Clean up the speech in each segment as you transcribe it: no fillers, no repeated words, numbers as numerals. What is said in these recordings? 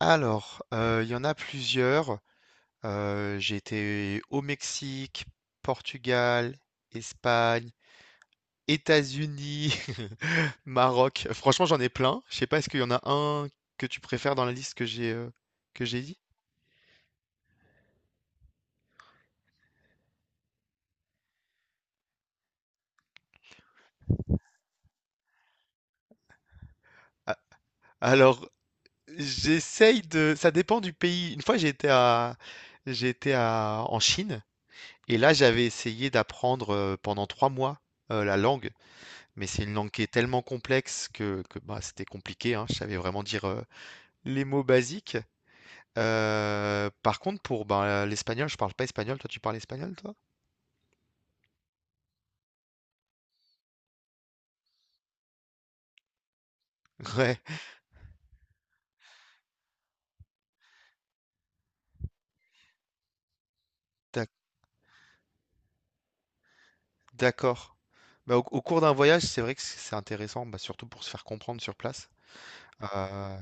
Alors, il y en a plusieurs. J'ai été au Mexique, Portugal, Espagne, États-Unis, Maroc. Franchement, j'en ai plein. Je sais pas, est-ce qu'il y en a un que tu préfères dans la liste que j'ai dit? A alors, j'essaye de ça dépend du pays. Une fois, j'étais à en Chine et là, j'avais essayé d'apprendre, pendant 3 mois, la langue. Mais c'est une langue qui est tellement complexe que, bah, c'était compliqué, hein. Je savais vraiment dire les mots basiques. Par contre, pour bah, l'espagnol, je parle pas espagnol. Toi, tu parles espagnol, toi? Ouais, d'ac- d'accord. Bah, au cours d'un voyage, c'est vrai que c'est intéressant, bah, surtout pour se faire comprendre sur place. Euh,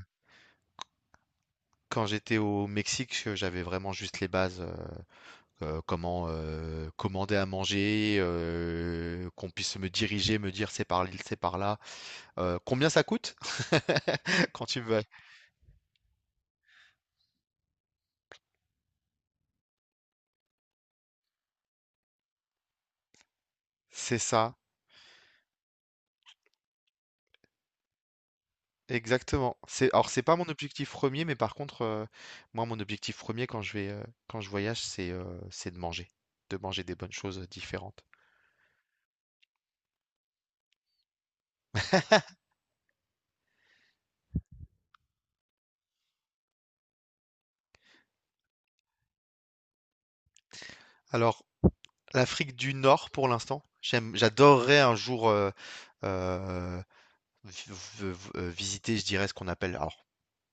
Quand j'étais au Mexique, j'avais vraiment juste les bases. Comment commander à manger, qu'on puisse me diriger, me dire c'est par l'île, c'est par là. Combien ça coûte quand tu veux? C'est ça, exactement. C'est, alors c'est pas mon objectif premier, mais par contre, moi mon objectif premier quand je vais quand je voyage, c'est de manger des bonnes choses différentes. Alors, l'Afrique du Nord pour l'instant, j'adorerais un jour euh, vi- visiter, je dirais ce qu'on appelle, alors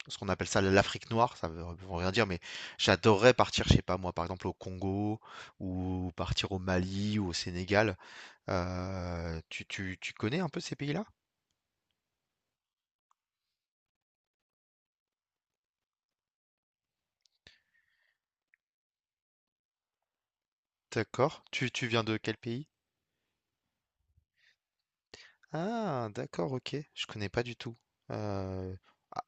ce qu'on appelle ça l'Afrique noire, ça veut rien dire, mais j'adorerais partir, je sais pas moi, par exemple au Congo ou partir au Mali ou au Sénégal. Tu connais un peu ces pays-là? D'accord. Tu viens de quel pays? Ah, d'accord, ok. Je connais pas du tout. Euh, ah,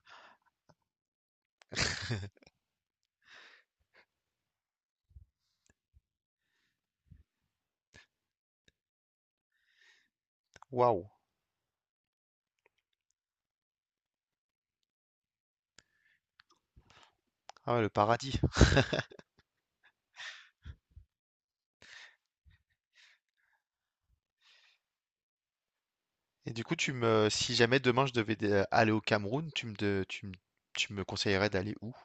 waouh. Ah ouais, le paradis. Et du coup, si jamais demain je devais aller au Cameroun, tu me, de- tu me conseillerais d'aller où?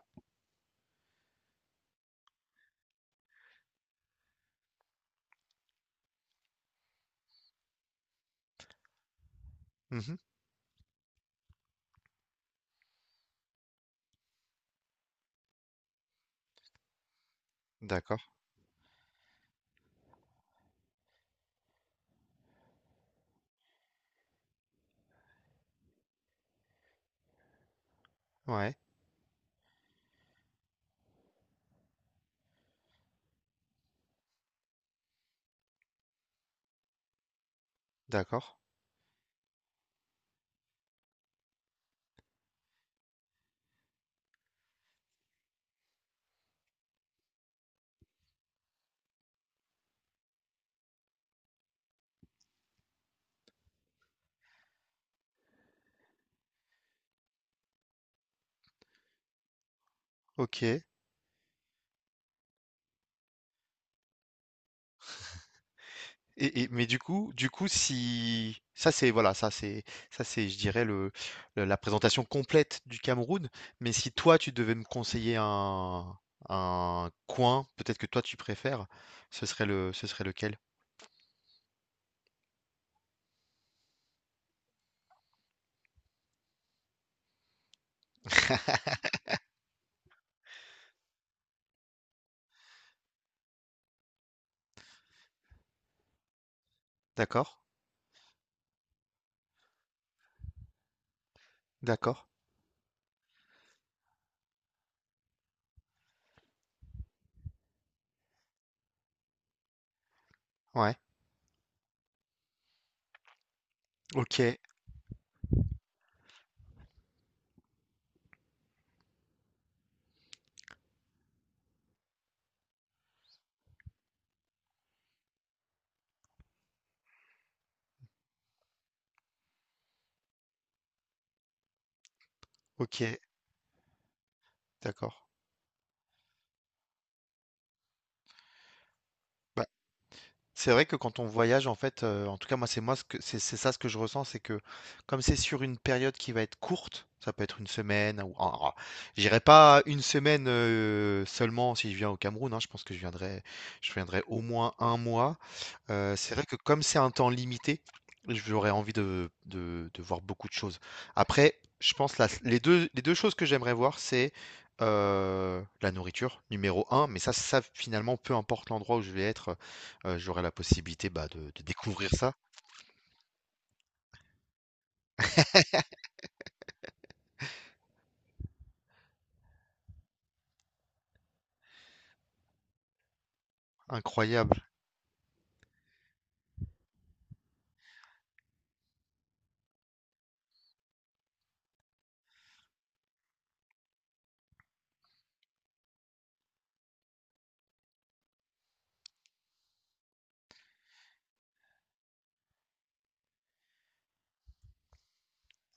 Mhm. D'accord. Ouais. D'accord. Ok. Mais du coup si ça c'est voilà, ça c'est je dirais le la présentation complète du Cameroun. Mais si toi tu devais me conseiller un coin, peut-être que toi tu préfères, ce serait le ce serait lequel? D'accord, d'accord. Ouais. OK, OK, d'accord. Bah, c'est vrai que quand on voyage, en fait, en tout cas moi c'est moi ce que c'est ça ce que je ressens, c'est que comme c'est sur une période qui va être courte, ça peut être une semaine ou en ra j'irai pas une semaine, seulement si je viens au Cameroun, hein, je pense que je viendrai au moins un mois. C'est vrai que comme c'est un temps limité, j'aurais envie de voir beaucoup de choses. Après, je pense la les 2 choses que j'aimerais voir, c'est, la nourriture, numéro un, mais ça finalement, peu importe l'endroit où je vais être, heu, j'aurai la possibilité, bah, de découvrir ça. Incroyable.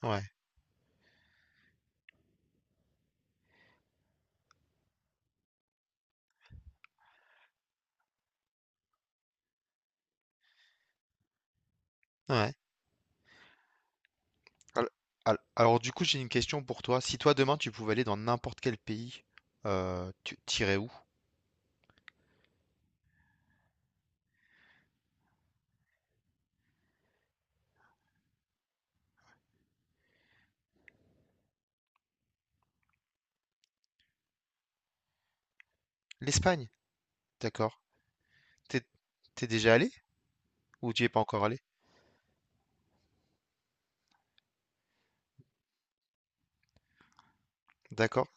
Ouais, ouais. Al al alors du coup, j'ai une question pour toi. Si toi, demain, tu pouvais aller dans n'importe quel pays, tu irais où? L'Espagne? D'accord. T'es déjà allé? Ou tu y es pas encore allé? D'accord.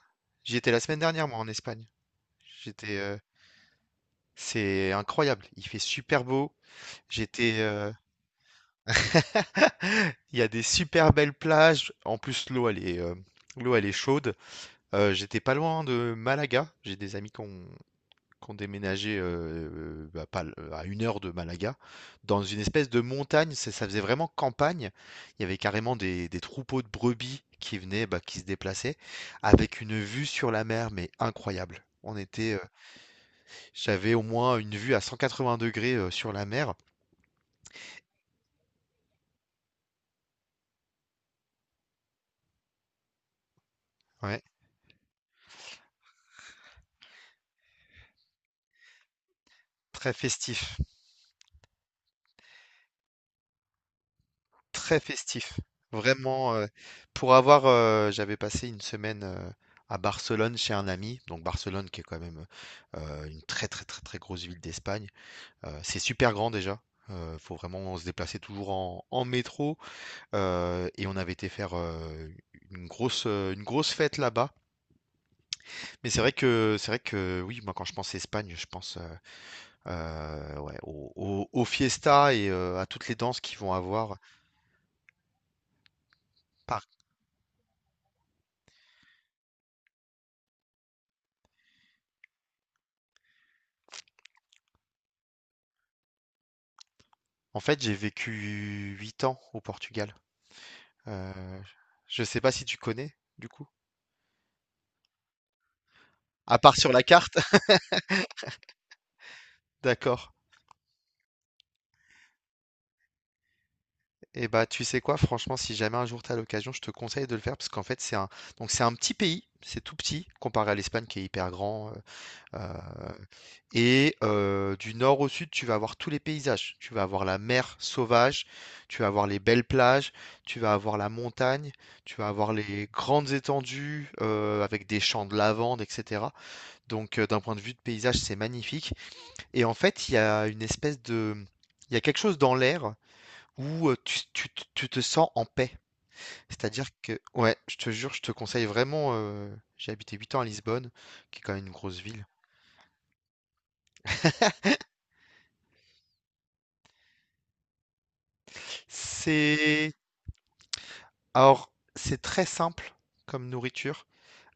J'y étais la semaine dernière, moi, en Espagne. J'étais, euh, c'est incroyable. Il fait super beau. J'étais, euh, il y a des super belles plages. En plus, l'eau, elle est chaude. J'étais pas loin de Malaga. J'ai des amis qui ont déménagé bah, pas l- à une heure de Malaga, dans une espèce de montagne. Ça faisait vraiment campagne. Il y avait carrément des troupeaux de brebis qui venaient, bah, qui se déplaçaient, avec une vue sur la mer, mais incroyable. J'avais au moins une vue à 180 degrés sur la mer. Ouais, très festif, très festif. Vraiment, pour avoir, j'avais passé une semaine à Barcelone chez un ami. Donc Barcelone, qui est quand même une très très très très grosse ville d'Espagne. C'est super grand déjà. Faut vraiment se déplacer toujours en métro. Et on avait été faire une grosse fête là-bas. C'est vrai que oui, moi quand je pense Espagne, je pense. Ouais, au au aux fiestas et à toutes les danses qu'ils vont avoir. Par en fait, j'ai vécu 8 ans au Portugal. Heu, je sais pas si tu connais, du coup? À part sur la carte? D'accord. Et bah, tu sais quoi? Franchement, si jamais un jour tu as l'occasion, je te conseille de le faire parce qu'en fait, c'est un petit pays, c'est tout petit comparé à l'Espagne qui est hyper grand, Heu et du nord au sud, tu vas avoir tous les paysages. Tu vas avoir la mer sauvage, tu vas avoir les belles plages, tu vas avoir la montagne, tu vas avoir les grandes étendues, avec des champs de lavande, et cetera. Donc, d'un point de vue de paysage, c'est magnifique et en fait, il y a quelque chose dans l'air où, tu te sens en paix. C'est-à-dire que ouais, je te jure, je te conseille vraiment, heu, j'ai habité 8 ans à Lisbonne, qui est quand même une grosse ville. C'est Alors, c'est très simple comme nourriture,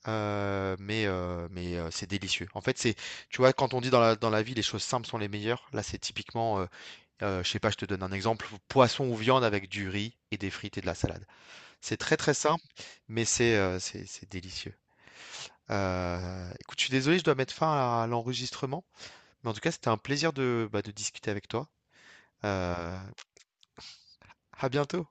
mais c'est délicieux. En fait, c'est, tu vois, quand on dit dans la vie, les choses simples sont les meilleures, là, c'est typiquement, je sais pas, je te donne un exemple, poisson ou viande avec du riz et des frites et de la salade. C'est très très simple, mais c'est délicieux. Écoute, je suis désolé, je dois mettre fin à l'enregistrement, mais en tout cas, c'était un plaisir de, bah, de discuter avec toi. Euh, à bientôt.